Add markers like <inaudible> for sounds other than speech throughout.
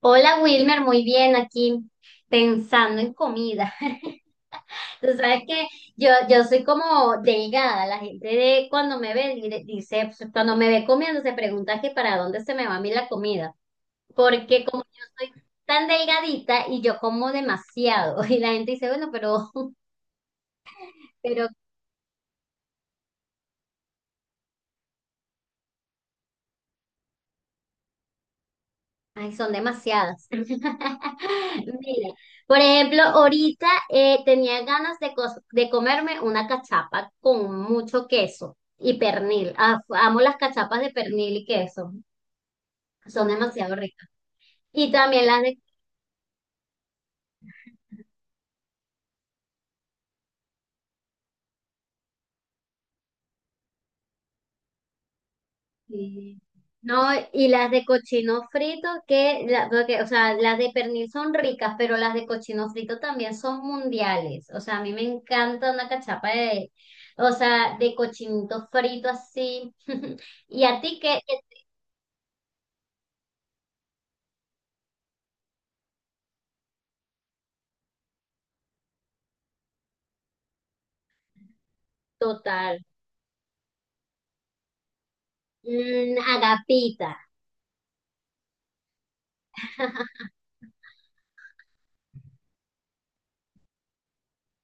Hola Wilmer, muy bien aquí pensando en comida. <laughs> Tú sabes que yo soy como delgada, la gente de cuando me ve dice, pues, cuando me ve comiendo se pregunta que para dónde se me va a mí la comida, porque como yo soy tan delgadita y yo como demasiado <laughs> y la gente dice, bueno, pero, pero Ay, son demasiadas. <laughs> Mira, por ejemplo, ahorita tenía ganas de comerme una cachapa con mucho queso y pernil. Ah, amo las cachapas de pernil y queso, son demasiado ricas. Y también las de Sí. No, y las de cochino frito, que, porque, o sea, las de pernil son ricas, pero las de cochino frito también son mundiales. O sea, a mí me encanta una cachapa de, o sea, de cochinito frito así. <laughs> ¿Y a ti qué? Total. Mm, agapita. <laughs>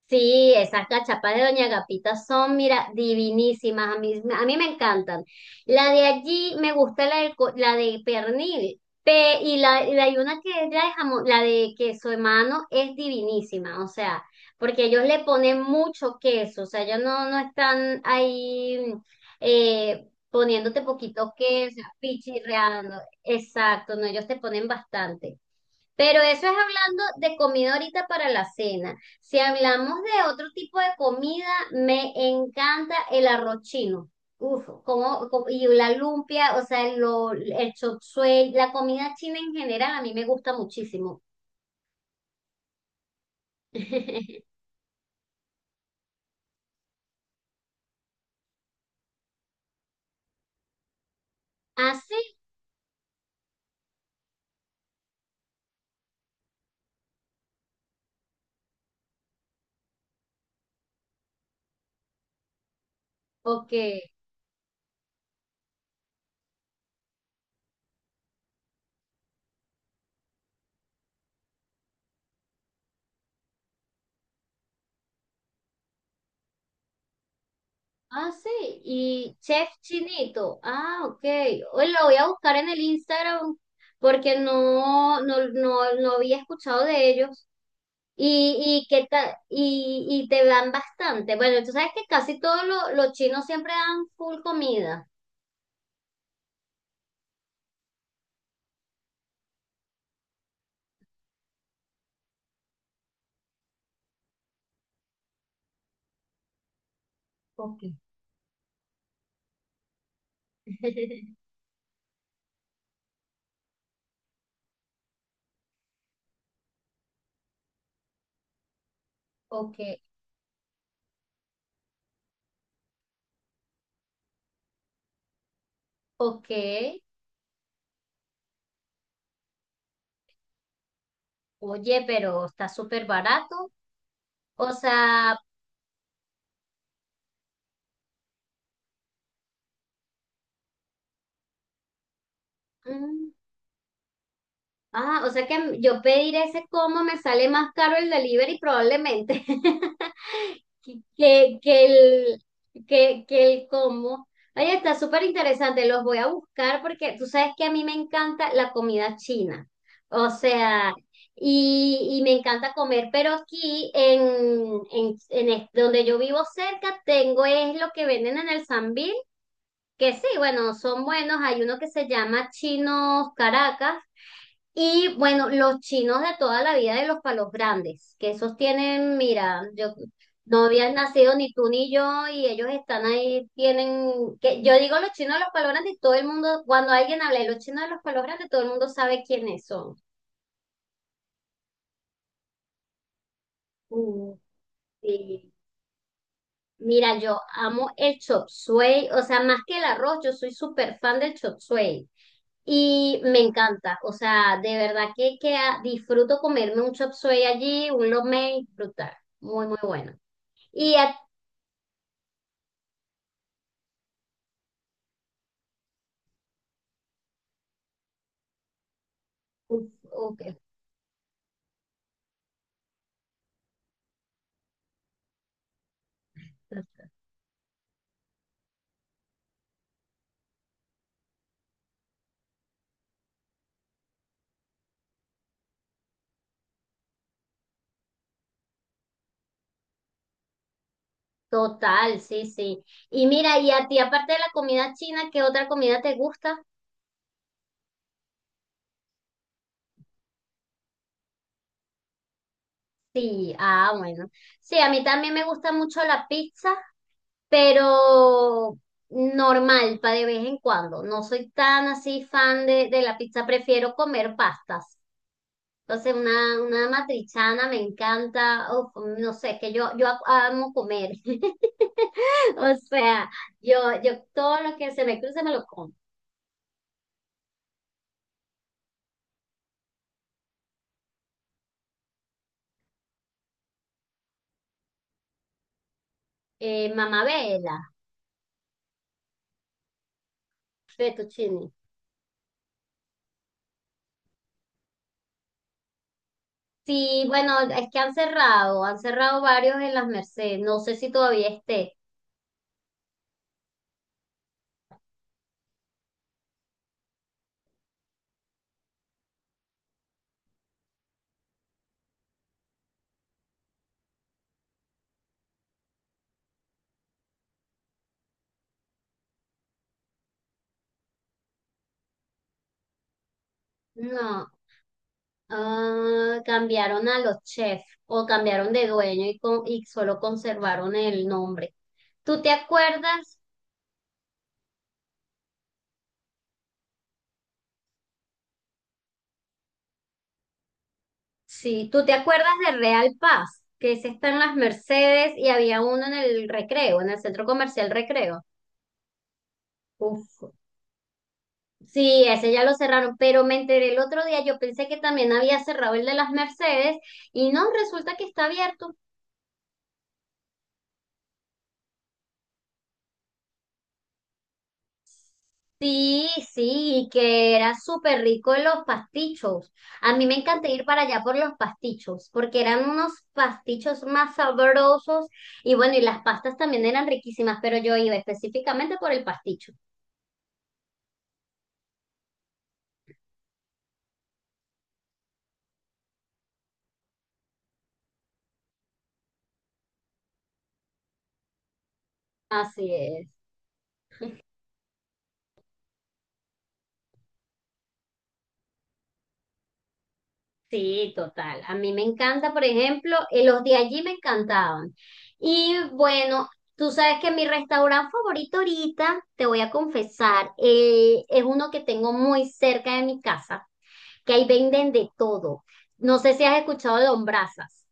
Sí, esas cachapas de Doña Agapita son, mira, divinísimas. A mí me encantan. La de allí me gusta la de pernil. Hay una que es la de jamón, la de queso de mano es divinísima. O sea, porque ellos le ponen mucho queso. O sea, ellos no están ahí poniéndote poquito queso, pichirreando. Exacto, no, ellos te ponen bastante. Pero eso es hablando de comida ahorita para la cena. Si hablamos de otro tipo de comida, me encanta el arroz chino. Uf, y la lumpia, o sea, el chop suey, la comida china en general a mí me gusta muchísimo. <laughs> ¿Ah, sí? Ok. Ah, sí. Y Chef Chinito. Ah, ok. Hoy lo voy a buscar en el Instagram porque no había escuchado de ellos. Y te dan bastante. Bueno, tú sabes que casi todos los chinos siempre dan full comida. Ok. <laughs> Ok, ok. Oye, pero está súper barato. O sea, mm, ah, o sea que yo pedir ese como me sale más caro el delivery probablemente. <laughs> que, que el, que el cómo. Oye, está súper interesante, los voy a buscar porque tú sabes que a mí me encanta la comida china. O sea, y me encanta comer, pero aquí donde yo vivo cerca tengo es lo que venden en el Sambil, que sí, bueno, son buenos. Hay uno que se llama Chinos Caracas, y bueno, los chinos de toda la vida de los palos grandes, que esos tienen, mira, yo no habías nacido ni tú ni yo y ellos están ahí, tienen, que yo digo los chinos de los palos grandes, y todo el mundo, cuando alguien habla de los chinos de los palos grandes, todo el mundo sabe quiénes son. Uh, Sí. Mira, yo amo el chop suey, o sea, más que el arroz, yo soy súper fan del chop suey y me encanta, o sea, de verdad que disfruto comerme un chop suey allí, un lo mein, brutal, muy, muy bueno. Y a- Uf, ok, total, sí, sí. Y mira, y a ti, aparte de la comida china, ¿qué otra comida te gusta? Sí, ah, bueno. Sí, a mí también me gusta mucho la pizza, pero normal, para de vez en cuando. No soy tan así fan de la pizza, prefiero comer pastas. Entonces, una matrichana me encanta, uf, no sé, es que yo amo comer. <laughs> O sea, yo, yo todo lo que se me cruce me lo como. Mamabela, fettuccine. Sí, bueno, es que han cerrado varios en las Mercedes. No sé si todavía esté. No, ah, cambiaron a los chefs o cambiaron de dueño y solo conservaron el nombre. ¿Tú te acuerdas? Sí, ¿tú te acuerdas de Real Paz? Que ese está en las Mercedes y había uno en el Recreo, en el centro comercial Recreo. Uf, sí, ese ya lo cerraron, pero me enteré el otro día, yo pensé que también había cerrado el de las Mercedes y no, resulta que está abierto. Sí, sí, que era súper rico los pastichos. A mí me encanta ir para allá por los pastichos, porque eran unos pastichos más sabrosos y bueno, y las pastas también eran riquísimas, pero yo iba específicamente por el pasticho. Así es. Sí, total. A mí me encanta, por ejemplo, los de allí me encantaban. Y bueno, tú sabes que mi restaurante favorito ahorita, te voy a confesar, es uno que tengo muy cerca de mi casa que ahí venden de todo. No sé si has escuchado Lombrazas.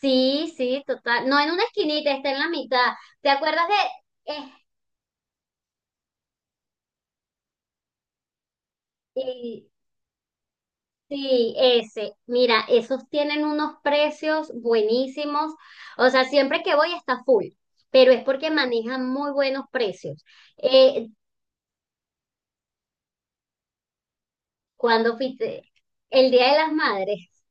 Sí, sí, total. No en una esquinita, está en la mitad. ¿Te acuerdas de...? Eh, sí, ese. Mira, esos tienen unos precios buenísimos. O sea, siempre que voy está full, pero es porque manejan muy buenos precios. Eh, Cuando fuiste, el Día de las Madres.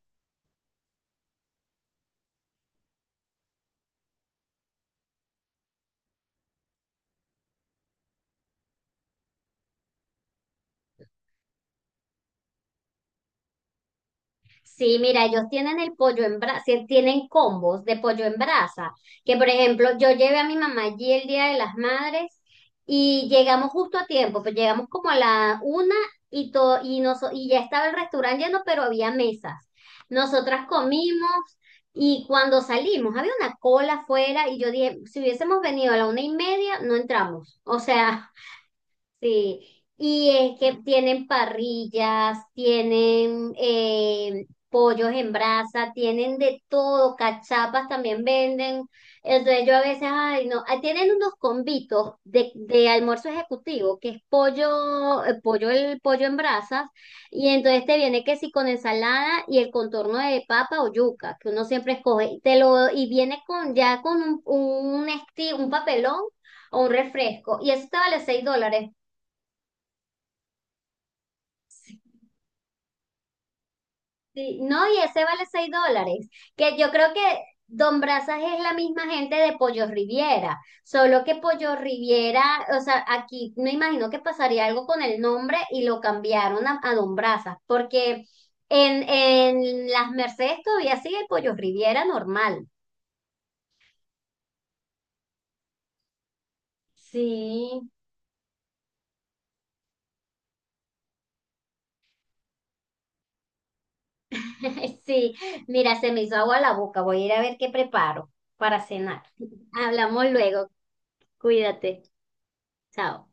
Sí, mira, ellos tienen el pollo en brasa, tienen combos de pollo en brasa, que por ejemplo, yo llevé a mi mamá allí el Día de las Madres y llegamos justo a tiempo, pues llegamos como a la 1 y todo, y nos, y ya estaba el restaurante lleno, pero había mesas. Nosotras comimos y cuando salimos había una cola afuera y yo dije, si hubiésemos venido a la 1:30, no entramos. O sea, sí, y es que tienen parrillas, tienen pollos en brasa, tienen de todo, cachapas también venden. Entonces yo a veces, ay, no, ah, tienen unos convitos de almuerzo ejecutivo, que es pollo, el pollo en brasas, y entonces te viene que sí con ensalada y el contorno de papa o yuca, que uno siempre escoge, y te lo, y viene con ya con un papelón o un refresco. Y eso estaba vale $6. Sí, no, y ese vale $6, que yo creo que Don Brazas es la misma gente de Pollo Riviera, solo que Pollo Riviera, o sea, aquí me imagino que pasaría algo con el nombre y lo cambiaron a, Don Brazas, porque en Las Mercedes todavía sigue Pollo Riviera normal. Sí, <laughs> sí, mira, se me hizo agua la boca, voy a ir a ver qué preparo para cenar. <laughs> Hablamos luego, cuídate, chao.